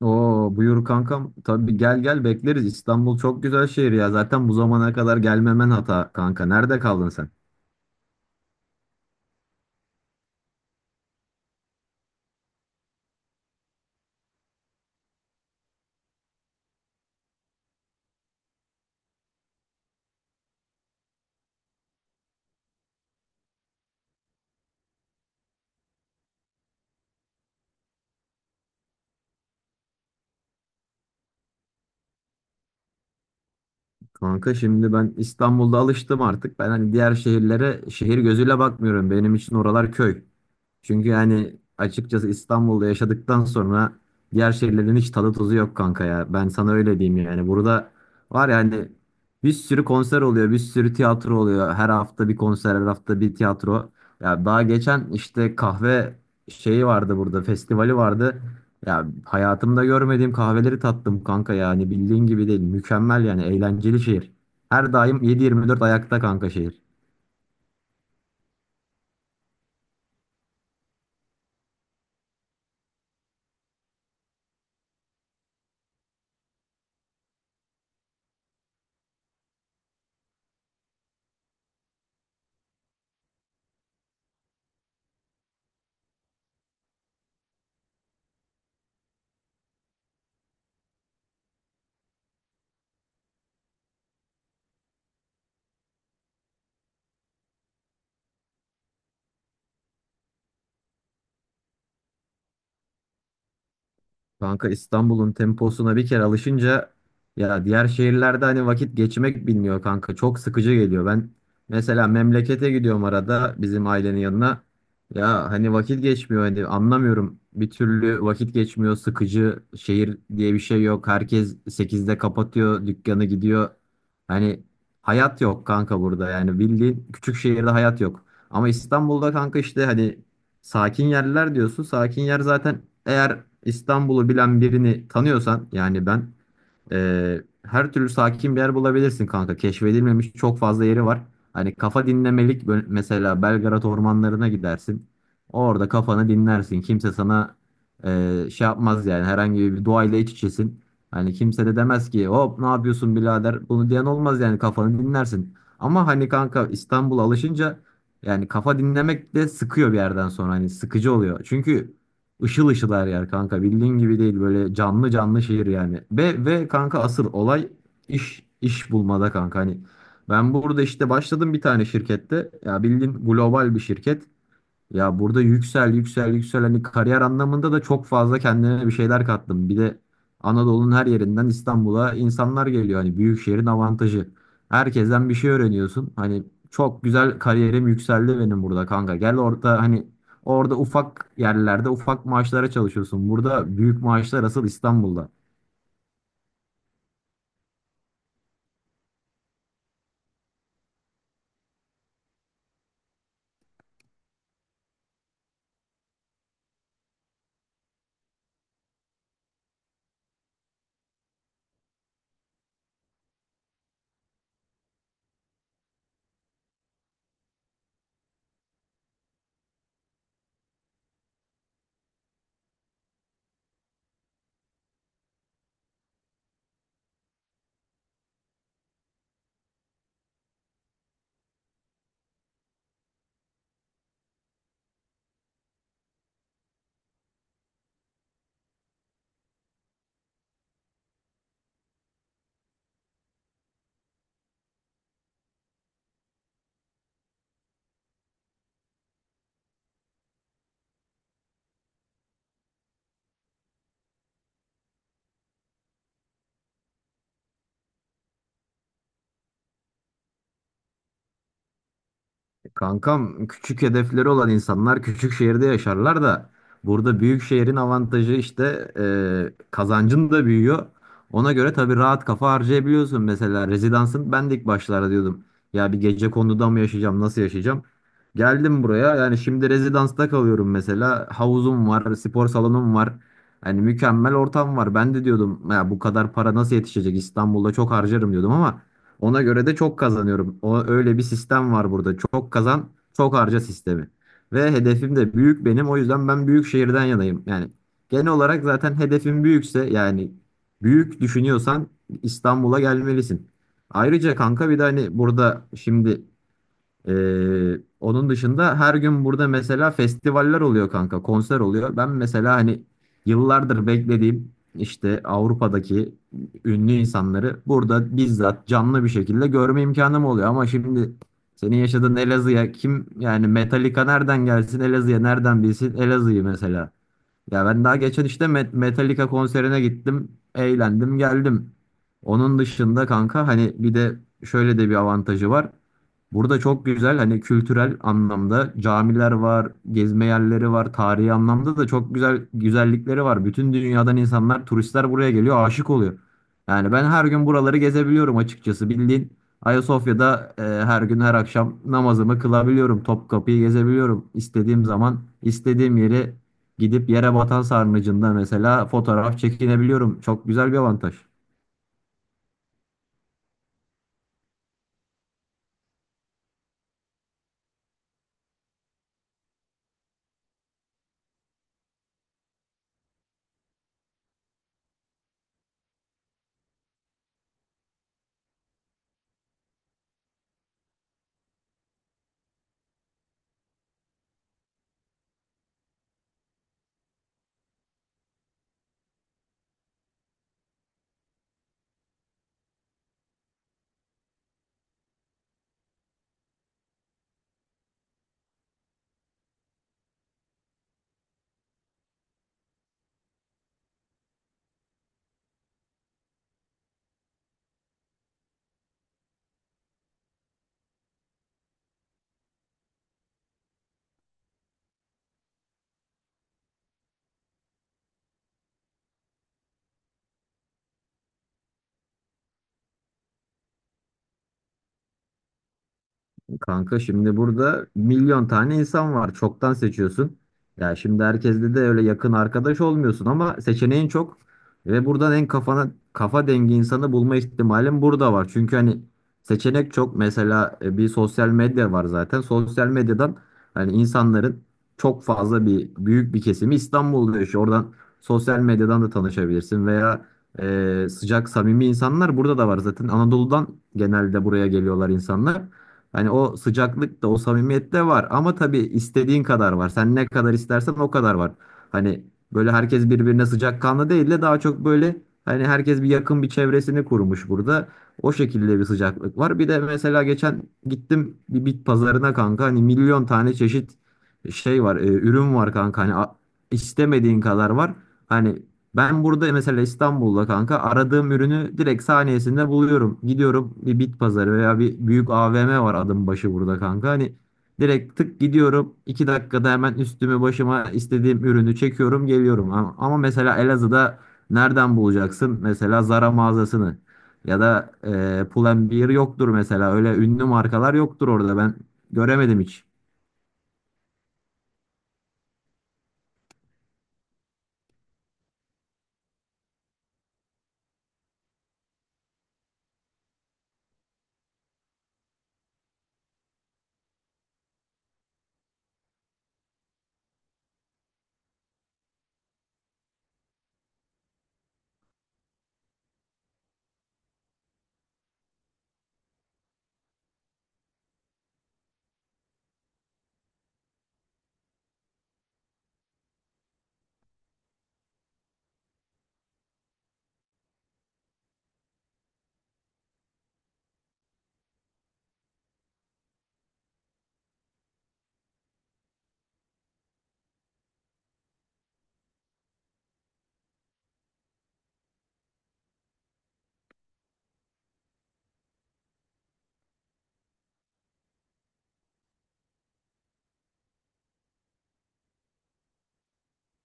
Oo, buyur kankam. Tabii gel gel bekleriz. İstanbul çok güzel şehir ya. Zaten bu zamana kadar gelmemen hata kanka. Nerede kaldın sen? Kanka şimdi ben İstanbul'da alıştım artık. Ben hani diğer şehirlere şehir gözüyle bakmıyorum. Benim için oralar köy. Çünkü yani açıkçası İstanbul'da yaşadıktan sonra diğer şehirlerin hiç tadı tuzu yok kanka ya. Ben sana öyle diyeyim yani. Burada var yani bir sürü konser oluyor, bir sürü tiyatro oluyor. Her hafta bir konser, her hafta bir tiyatro. Ya daha geçen işte kahve şeyi vardı burada, festivali vardı. Ya hayatımda görmediğim kahveleri tattım kanka yani bildiğin gibi değil. Mükemmel yani eğlenceli şehir. Her daim 7-24 ayakta kanka şehir. Kanka İstanbul'un temposuna bir kere alışınca ya diğer şehirlerde hani vakit geçmek bilmiyor kanka. Çok sıkıcı geliyor. Ben mesela memlekete gidiyorum arada bizim ailenin yanına. Ya hani vakit geçmiyor hani anlamıyorum. Bir türlü vakit geçmiyor. Sıkıcı şehir diye bir şey yok. Herkes 8'de kapatıyor, dükkanı gidiyor. Hani hayat yok kanka burada. Yani bildiğin küçük şehirde hayat yok. Ama İstanbul'da kanka işte hani sakin yerler diyorsun. Sakin yer zaten eğer İstanbul'u bilen birini tanıyorsan yani ben her türlü sakin bir yer bulabilirsin kanka. Keşfedilmemiş çok fazla yeri var. Hani kafa dinlemelik mesela Belgrad ormanlarına gidersin. Orada kafanı dinlersin. Kimse sana şey yapmaz yani herhangi bir doğayla iç içesin. Hani kimse de demez ki hop ne yapıyorsun birader, bunu diyen olmaz yani kafanı dinlersin. Ama hani kanka İstanbul'a alışınca yani kafa dinlemek de sıkıyor bir yerden sonra hani sıkıcı oluyor. Çünkü Işıl ışıl her yer kanka. Bildiğin gibi değil, böyle canlı canlı şehir yani. Ve kanka asıl olay iş bulmada kanka. Hani ben burada işte başladım bir tane şirkette. Ya bildiğin global bir şirket. Ya burada yüksel yüksel yüksel hani kariyer anlamında da çok fazla kendime bir şeyler kattım. Bir de Anadolu'nun her yerinden İstanbul'a insanlar geliyor. Hani büyük şehrin avantajı. Herkesten bir şey öğreniyorsun. Hani çok güzel kariyerim yükseldi benim burada kanka. Gel orada hani orada ufak yerlerde ufak maaşlara çalışıyorsun. Burada büyük maaşlar asıl İstanbul'da. E, kankam, küçük hedefleri olan insanlar küçük şehirde yaşarlar da burada büyük şehrin avantajı işte kazancın da büyüyor. Ona göre tabii rahat kafa harcayabiliyorsun. Mesela rezidansın, ben de ilk başlarda diyordum ya bir gece konduda mı yaşayacağım, nasıl yaşayacağım. Geldim buraya, yani şimdi rezidansta kalıyorum mesela, havuzum var, spor salonum var. Hani mükemmel ortam var. Ben de diyordum ya bu kadar para nasıl yetişecek, İstanbul'da çok harcarım diyordum ama ona göre de çok kazanıyorum. O, öyle bir sistem var burada. Çok kazan, çok harca sistemi. Ve hedefim de büyük benim. O yüzden ben büyük şehirden yanayım. Yani genel olarak zaten hedefim büyükse yani büyük düşünüyorsan İstanbul'a gelmelisin. Ayrıca kanka bir de hani burada şimdi onun dışında her gün burada mesela festivaller oluyor kanka, konser oluyor. Ben mesela hani yıllardır beklediğim işte Avrupa'daki ünlü insanları burada bizzat canlı bir şekilde görme imkanım oluyor. Ama şimdi senin yaşadığın Elazığ'a kim yani, Metallica nereden gelsin, Elazığ'a nereden bilsin Elazığ'ı mesela. Ya ben daha geçen işte Metallica konserine gittim. Eğlendim geldim. Onun dışında kanka hani bir de şöyle de bir avantajı var. Burada çok güzel hani kültürel anlamda camiler var, gezme yerleri var, tarihi anlamda da çok güzel güzellikleri var. Bütün dünyadan insanlar, turistler buraya geliyor, aşık oluyor. Yani ben her gün buraları gezebiliyorum açıkçası. Bildiğin Ayasofya'da her gün her akşam namazımı kılabiliyorum. Topkapı'yı gezebiliyorum. İstediğim zaman, istediğim yeri gidip yere batan sarnıcında mesela fotoğraf çekinebiliyorum. Çok güzel bir avantaj. Kanka şimdi burada milyon tane insan var. Çoktan seçiyorsun. Ya şimdi herkesle de öyle yakın arkadaş olmuyorsun ama seçeneğin çok. Ve buradan en kafana kafa dengi insanı bulma ihtimalin burada var. Çünkü hani seçenek çok. Mesela bir sosyal medya var zaten. Sosyal medyadan hani insanların çok fazla bir büyük bir kesimi İstanbul'da yaşıyor. Oradan sosyal medyadan da tanışabilirsin veya sıcak samimi insanlar burada da var zaten. Anadolu'dan genelde buraya geliyorlar insanlar. Hani o sıcaklık da o samimiyet de var ama tabii istediğin kadar var. Sen ne kadar istersen o kadar var. Hani böyle herkes birbirine sıcakkanlı değil de daha çok böyle hani herkes bir yakın bir çevresini kurmuş burada. O şekilde bir sıcaklık var. Bir de mesela geçen gittim bir bit pazarına kanka, hani milyon tane çeşit şey var, ürün var kanka, hani istemediğin kadar var. Hani ben burada mesela İstanbul'da kanka aradığım ürünü direkt saniyesinde buluyorum. Gidiyorum, bir bit pazarı veya bir büyük AVM var adım başı burada kanka. Hani direkt tık gidiyorum, 2 dakikada hemen üstümü başıma istediğim ürünü çekiyorum geliyorum. Ama mesela Elazığ'da nereden bulacaksın? Mesela Zara mağazasını ya da Pull&Bear yoktur mesela. Öyle ünlü markalar yoktur orada, ben göremedim hiç.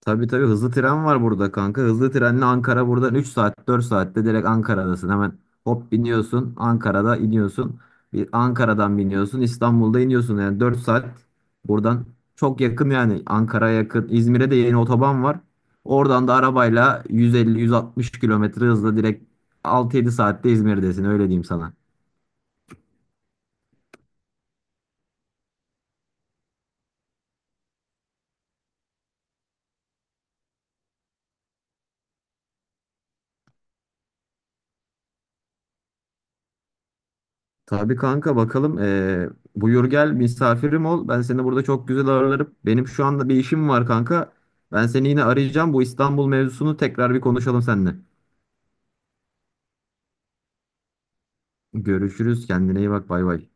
Tabii tabii, hızlı tren var burada kanka. Hızlı trenle Ankara, buradan 3-4 saatte direkt Ankara'dasın. Hemen hop biniyorsun, Ankara'da iniyorsun. Bir Ankara'dan biniyorsun, İstanbul'da iniyorsun. Yani 4 saat buradan, çok yakın yani Ankara'ya yakın. İzmir'e de yeni otoban var. Oradan da arabayla 150-160 kilometre hızla direkt 6-7 saatte İzmir'desin, öyle diyeyim sana. Tabii kanka, bakalım. Buyur gel misafirim ol. Ben seni burada çok güzel ağırlarım. Benim şu anda bir işim var kanka. Ben seni yine arayacağım. Bu İstanbul mevzusunu tekrar bir konuşalım seninle. Görüşürüz. Kendine iyi bak. Bay bay.